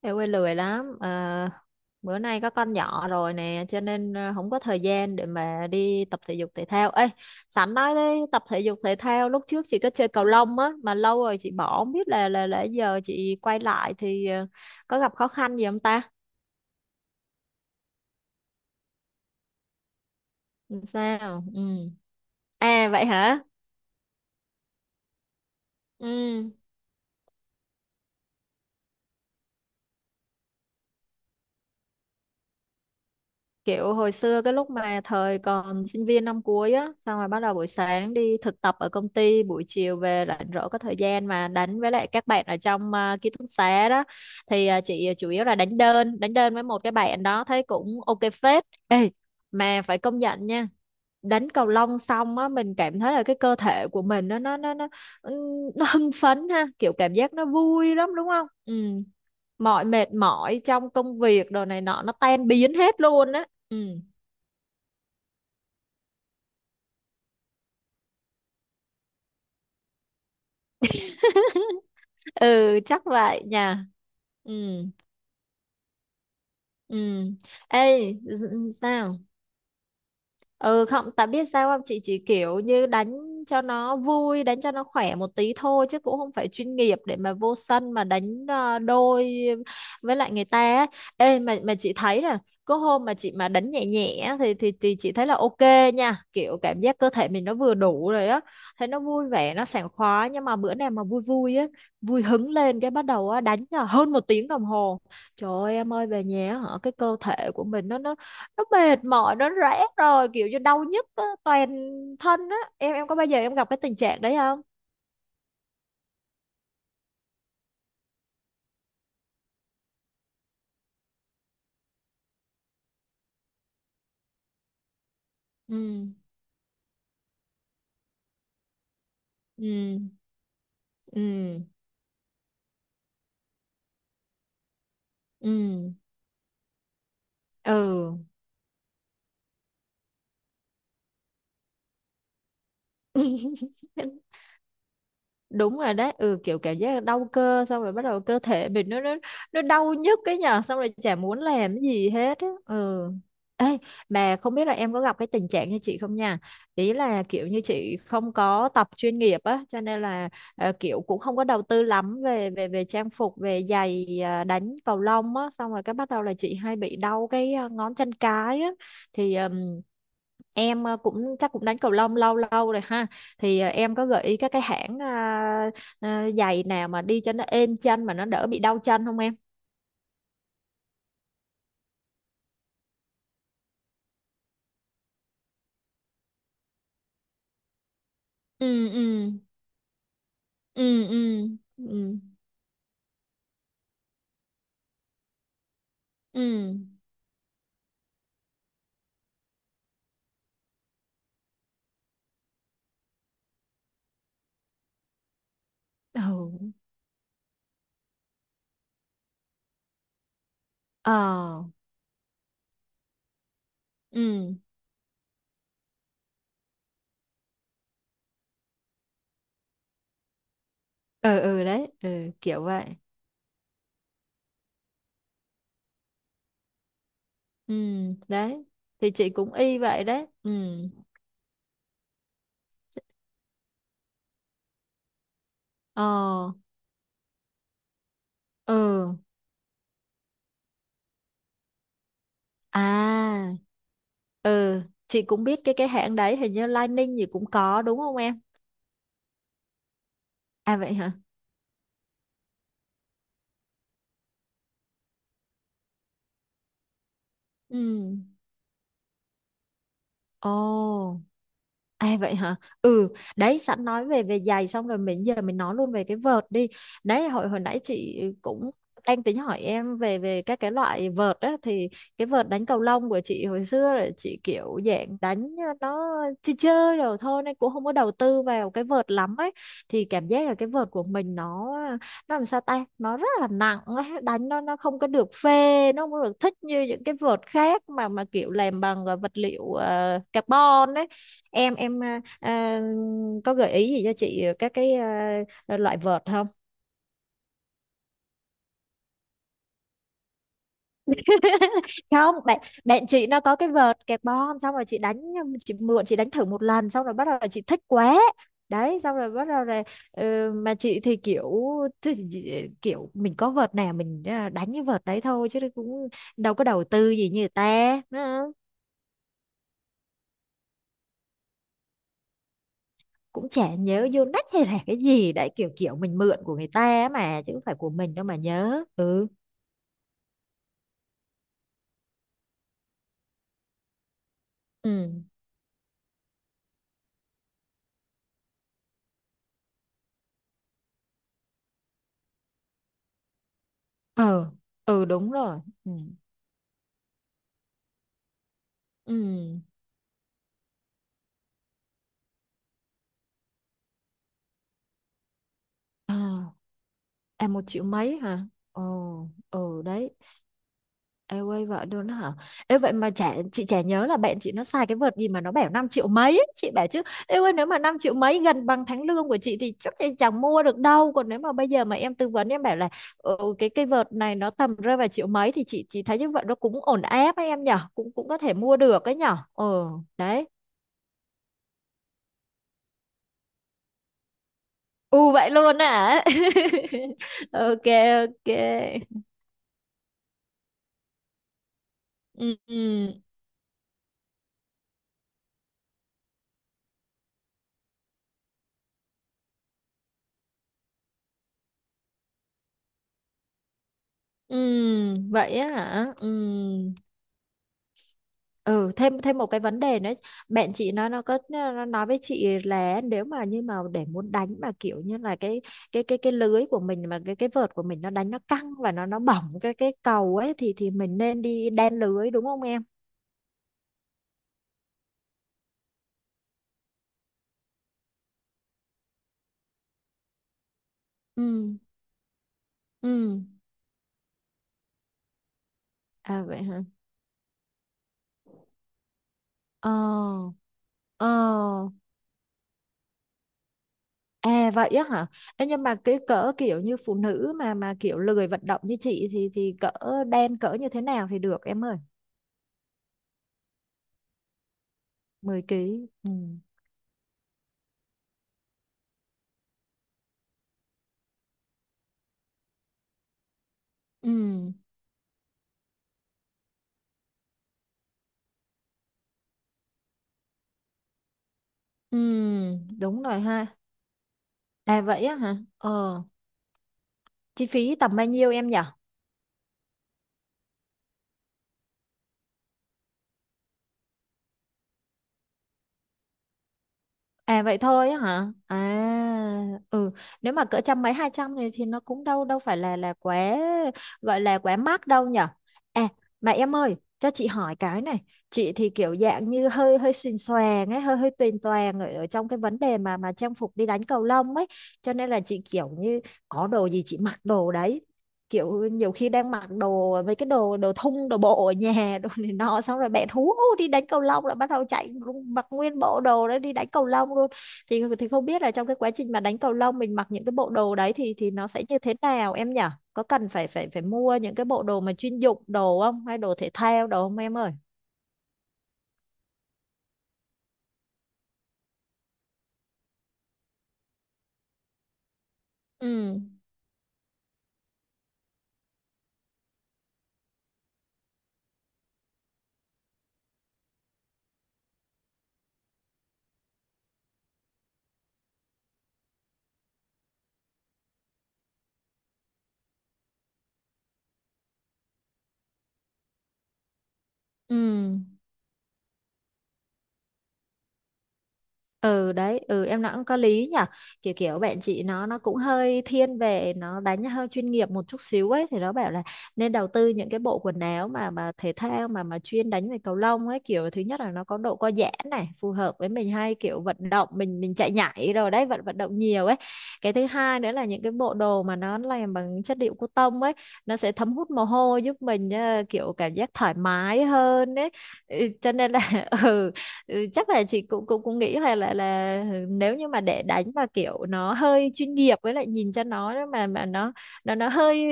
Em quê lười lắm à, bữa nay có con nhỏ rồi nè, cho nên không có thời gian để mà đi tập thể dục thể thao. Ê, sẵn nói đấy, tập thể dục thể thao lúc trước chị có chơi cầu lông á, mà lâu rồi chị bỏ, không biết là giờ chị quay lại thì có gặp khó khăn gì không ta. Ừ, sao ừ. À vậy hả. Ừ. Kiểu hồi xưa cái lúc mà thời còn sinh viên năm cuối á, xong rồi bắt đầu buổi sáng đi thực tập ở công ty, buổi chiều về rảnh rỗi có thời gian mà đánh với lại các bạn ở trong ký túc xá đó. Thì chị chủ yếu là đánh đơn với một cái bạn đó, thấy cũng ok phết. Ê, mà phải công nhận nha, đánh cầu lông xong á mình cảm thấy là cái cơ thể của mình nó hưng phấn ha, kiểu cảm giác nó vui lắm đúng không. Ừ, mọi mệt mỏi trong công việc đồ này nọ nó tan biến hết luôn á. Ừ. Ừ, chắc vậy nhỉ. Ừ. Ừ. Ê, sao? Ừ không, tại biết sao không? Chị chỉ kiểu như đánh cho nó vui, đánh cho nó khỏe một tí thôi chứ cũng không phải chuyên nghiệp để mà vô sân mà đánh đôi với lại người ta ấy. Ê mà chị thấy nè, có hôm mà chị mà đánh nhẹ nhẹ á, thì chị thấy là ok nha, kiểu cảm giác cơ thể mình nó vừa đủ rồi á, thấy nó vui vẻ, nó sảng khoái, nhưng mà bữa nào mà vui vui á, vui hứng lên cái bắt đầu á đánh là hơn 1 tiếng đồng hồ. Trời ơi em ơi, về nhà á hả, cái cơ thể của mình nó mệt mỏi, nó rã rồi, kiểu như đau nhức á, toàn thân á. Em có bao giờ em gặp cái tình trạng đấy không? Ừ. Ừ. Ừ. Ừ. Ừ. Đúng rồi đấy. Ừ, kiểu cảm giác đau cơ, xong rồi bắt đầu cơ thể mình nó đau nhức cái nhở, xong rồi chả muốn làm cái gì hết á. Ừ. Ê, mà không biết là em có gặp cái tình trạng như chị không nha. Ý là kiểu như chị không có tập chuyên nghiệp á, cho nên là kiểu cũng không có đầu tư lắm về về về trang phục, về giày. Đánh cầu lông á xong rồi cái bắt đầu là chị hay bị đau cái ngón chân cái á. Thì em cũng chắc cũng đánh cầu lông lâu lâu rồi ha, thì em có gợi ý các cái hãng giày nào mà đi cho nó êm chân mà nó đỡ bị đau chân không em? Ừ. Ừ. Ừ. Ừ. Ừ. Ừ. Ừ. Ờ. Ừ. Ừ. Ừ, đấy. Ừ, kiểu vậy. Ừ đấy, thì chị cũng y vậy đấy. Ừ. Ờ. Ừ. À. Ừ, chị cũng biết cái hãng đấy, hình như Lining gì cũng có, đúng không em? À vậy hả. Ừ. Ồ. À vậy hả? Ừ, đấy sẵn nói về về giày xong rồi mình giờ mình nói luôn về cái vợt đi. Đấy, hồi hồi nãy chị cũng đang tính hỏi em về về các cái loại vợt á, thì cái vợt đánh cầu lông của chị hồi xưa là chị kiểu dạng đánh nó chơi chơi rồi thôi, nên cũng không có đầu tư vào cái vợt lắm ấy, thì cảm giác là cái vợt của mình nó làm sao ta, nó rất là nặng ấy. Đánh nó không có được phê, nó không có được thích như những cái vợt khác mà kiểu làm bằng vật liệu carbon ấy. Em có gợi ý gì cho chị các cái loại vợt không? Không, bạn bạn chị nó có cái vợt kẹp bom, xong rồi chị đánh, chị mượn chị đánh thử một lần xong rồi bắt đầu chị thích quá. Đấy, xong rồi bắt đầu rồi. Mà chị thì kiểu kiểu mình có vợt nào mình đánh cái vợt đấy thôi chứ cũng đâu có đầu tư gì như người ta, đúng. Cũng chả nhớ vô nách hay là cái gì đấy, kiểu kiểu mình mượn của người ta mà chứ không phải của mình đâu mà nhớ. Ừ. Ừ. Ờ. Ừ, đúng rồi. Ừ. Ừ. À. À một triệu mấy hả? Ồ. Ừ, đấy. Em quay vợ luôn đó hả? Ê vậy mà chả, chị chả nhớ là bạn chị nó xài cái vợt gì mà nó bảo 5 triệu mấy ấy. Chị bảo chứ em ơi, nếu mà 5 triệu mấy gần bằng tháng lương của chị thì chắc chị chẳng mua được đâu, còn nếu mà bây giờ mà em tư vấn, em bảo là ừ, cái cây vợt này nó tầm rơi vào triệu mấy thì chị thấy như vậy nó cũng ổn áp ấy em nhở, cũng cũng có thể mua được ấy nhở. Ừ, đấy. U vậy luôn hả? Ok. Ok. Ừ. Ừ. Ừ, vậy á hả. Ừ. Ừ, thêm thêm một cái vấn đề nữa, bạn chị nó có nó nói với chị là nếu mà như mà để muốn đánh mà kiểu như là cái lưới của mình mà cái vợt của mình nó đánh nó căng và nó bỏng cái cầu ấy, thì mình nên đi đan lưới đúng không em? Ừ. Ừ. À vậy hả. Ờ. Ờ. À vậy á hả? Ê, nhưng mà cái cỡ kiểu như phụ nữ mà kiểu lười vận động như chị thì cỡ đen cỡ như thế nào thì được em ơi? 10 kg. Ừ. Ừ. Ừ. đúng rồi ha. À vậy á hả? Ờ, chi phí tầm bao nhiêu em nhỉ? À vậy thôi á hả? À ừ, nếu mà cỡ 100 mấy 200 thì nó cũng đâu đâu phải là quá, gọi là quá mắc đâu nhở. À mà em ơi, cho chị hỏi cái này, chị thì kiểu dạng như hơi hơi xuềnh xoàng ấy, hơi hơi tuyền toàng ở trong cái vấn đề mà trang phục đi đánh cầu lông ấy, cho nên là chị kiểu như có đồ gì chị mặc đồ đấy, kiểu nhiều khi đang mặc đồ mấy cái đồ đồ thun đồ bộ ở nhà đồ này nọ, xong rồi bạn hú hú đi đánh cầu lông là bắt đầu chạy luôn, mặc nguyên bộ đồ đấy đi đánh cầu lông luôn, thì không biết là trong cái quá trình mà đánh cầu lông mình mặc những cái bộ đồ đấy thì nó sẽ như thế nào em nhỉ. Có cần phải phải phải mua những cái bộ đồ mà chuyên dụng đồ không, hay đồ thể thao đồ không em ơi? Ừ. Ừ. Ừ, đấy. Ừ, em nói cũng có lý nhở. Kiểu kiểu bạn chị nó cũng hơi thiên về nó đánh hơi chuyên nghiệp một chút xíu ấy, thì nó bảo là nên đầu tư những cái bộ quần áo mà thể thao mà chuyên đánh về cầu lông ấy, kiểu thứ nhất là nó có độ co giãn này, phù hợp với mình hay kiểu vận động, mình chạy nhảy rồi đấy, vận vận động nhiều ấy. Cái thứ hai nữa là những cái bộ đồ mà nó làm bằng chất liệu cotton ấy, nó sẽ thấm hút mồ hôi, giúp mình kiểu cảm giác thoải mái hơn ấy. Ừ, cho nên là. Ừ. Ừ, chắc là chị cũng cũng cũng nghĩ là là nếu như mà để đánh mà kiểu nó hơi chuyên nghiệp, với lại nhìn cho nó mà nó hơi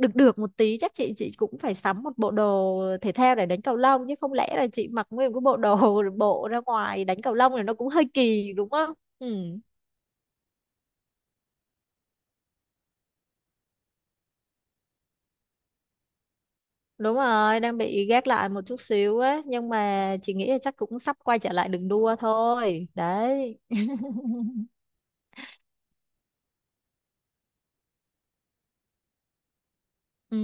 được được một tí, chắc chị cũng phải sắm một bộ đồ thể thao để đánh cầu lông, chứ không lẽ là chị mặc nguyên cái bộ đồ bộ ra ngoài đánh cầu lông thì nó cũng hơi kỳ đúng không? Ừ. Đúng rồi, đang bị gác lại một chút xíu á, nhưng mà chị nghĩ là chắc cũng sắp quay trở lại đường đua thôi. Đấy. Ừ.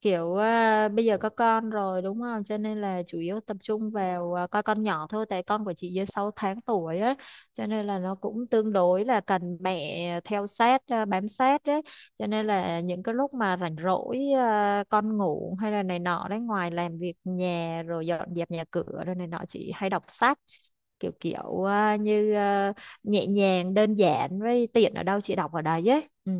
Kiểu bây giờ có con rồi đúng không, cho nên là chủ yếu tập trung vào coi con nhỏ thôi, tại con của chị dưới 6 tháng tuổi á, cho nên là nó cũng tương đối là cần mẹ theo sát, bám sát đấy, cho nên là những cái lúc mà rảnh rỗi, con ngủ hay là này nọ đấy, ngoài làm việc nhà rồi dọn dẹp nhà cửa rồi này nọ chị hay đọc sách, kiểu kiểu như nhẹ nhàng đơn giản với tiện ở đâu chị đọc ở đấy ấy. Ừ.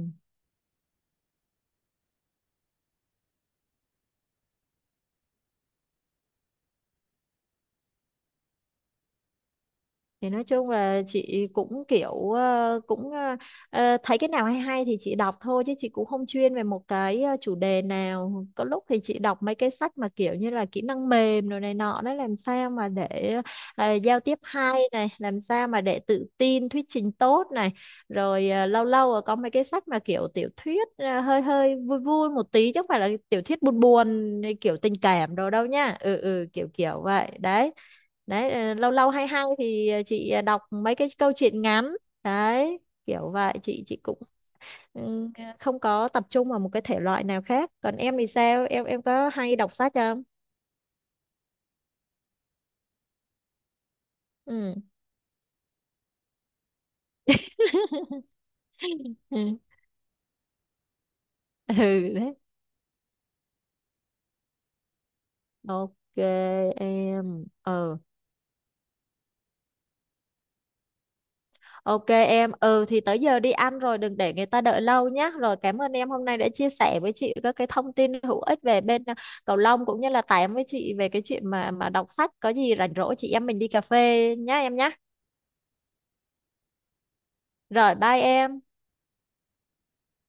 Thì nói chung là chị cũng kiểu cũng thấy cái nào hay hay thì chị đọc thôi, chứ chị cũng không chuyên về một cái chủ đề nào. Có lúc thì chị đọc mấy cái sách mà kiểu như là kỹ năng mềm rồi này nọ đấy, làm sao mà để giao tiếp hay này, làm sao mà để tự tin, thuyết trình tốt này. Rồi lâu lâu có mấy cái sách mà kiểu tiểu thuyết hơi hơi vui vui một tí chứ không phải là tiểu thuyết buồn buồn kiểu tình cảm đồ đâu nha. Ừ, ừ kiểu kiểu vậy. Đấy, đấy lâu lâu hay hay thì chị đọc mấy cái câu chuyện ngắn đấy, kiểu vậy chị cũng ừ, không có tập trung vào một cái thể loại nào khác, còn em thì sao, em có hay đọc sách không? Ừ. Ừ, đấy. Ok em. Ờ. Ok em, ừ thì tới giờ đi ăn rồi đừng để người ta đợi lâu nhé. Rồi cảm ơn em hôm nay đã chia sẻ với chị các cái thông tin hữu ích về bên cầu lông cũng như là tám với chị về cái chuyện mà đọc sách. Có gì rảnh rỗi chị em mình đi cà phê nhá em nhá. Rồi bye em.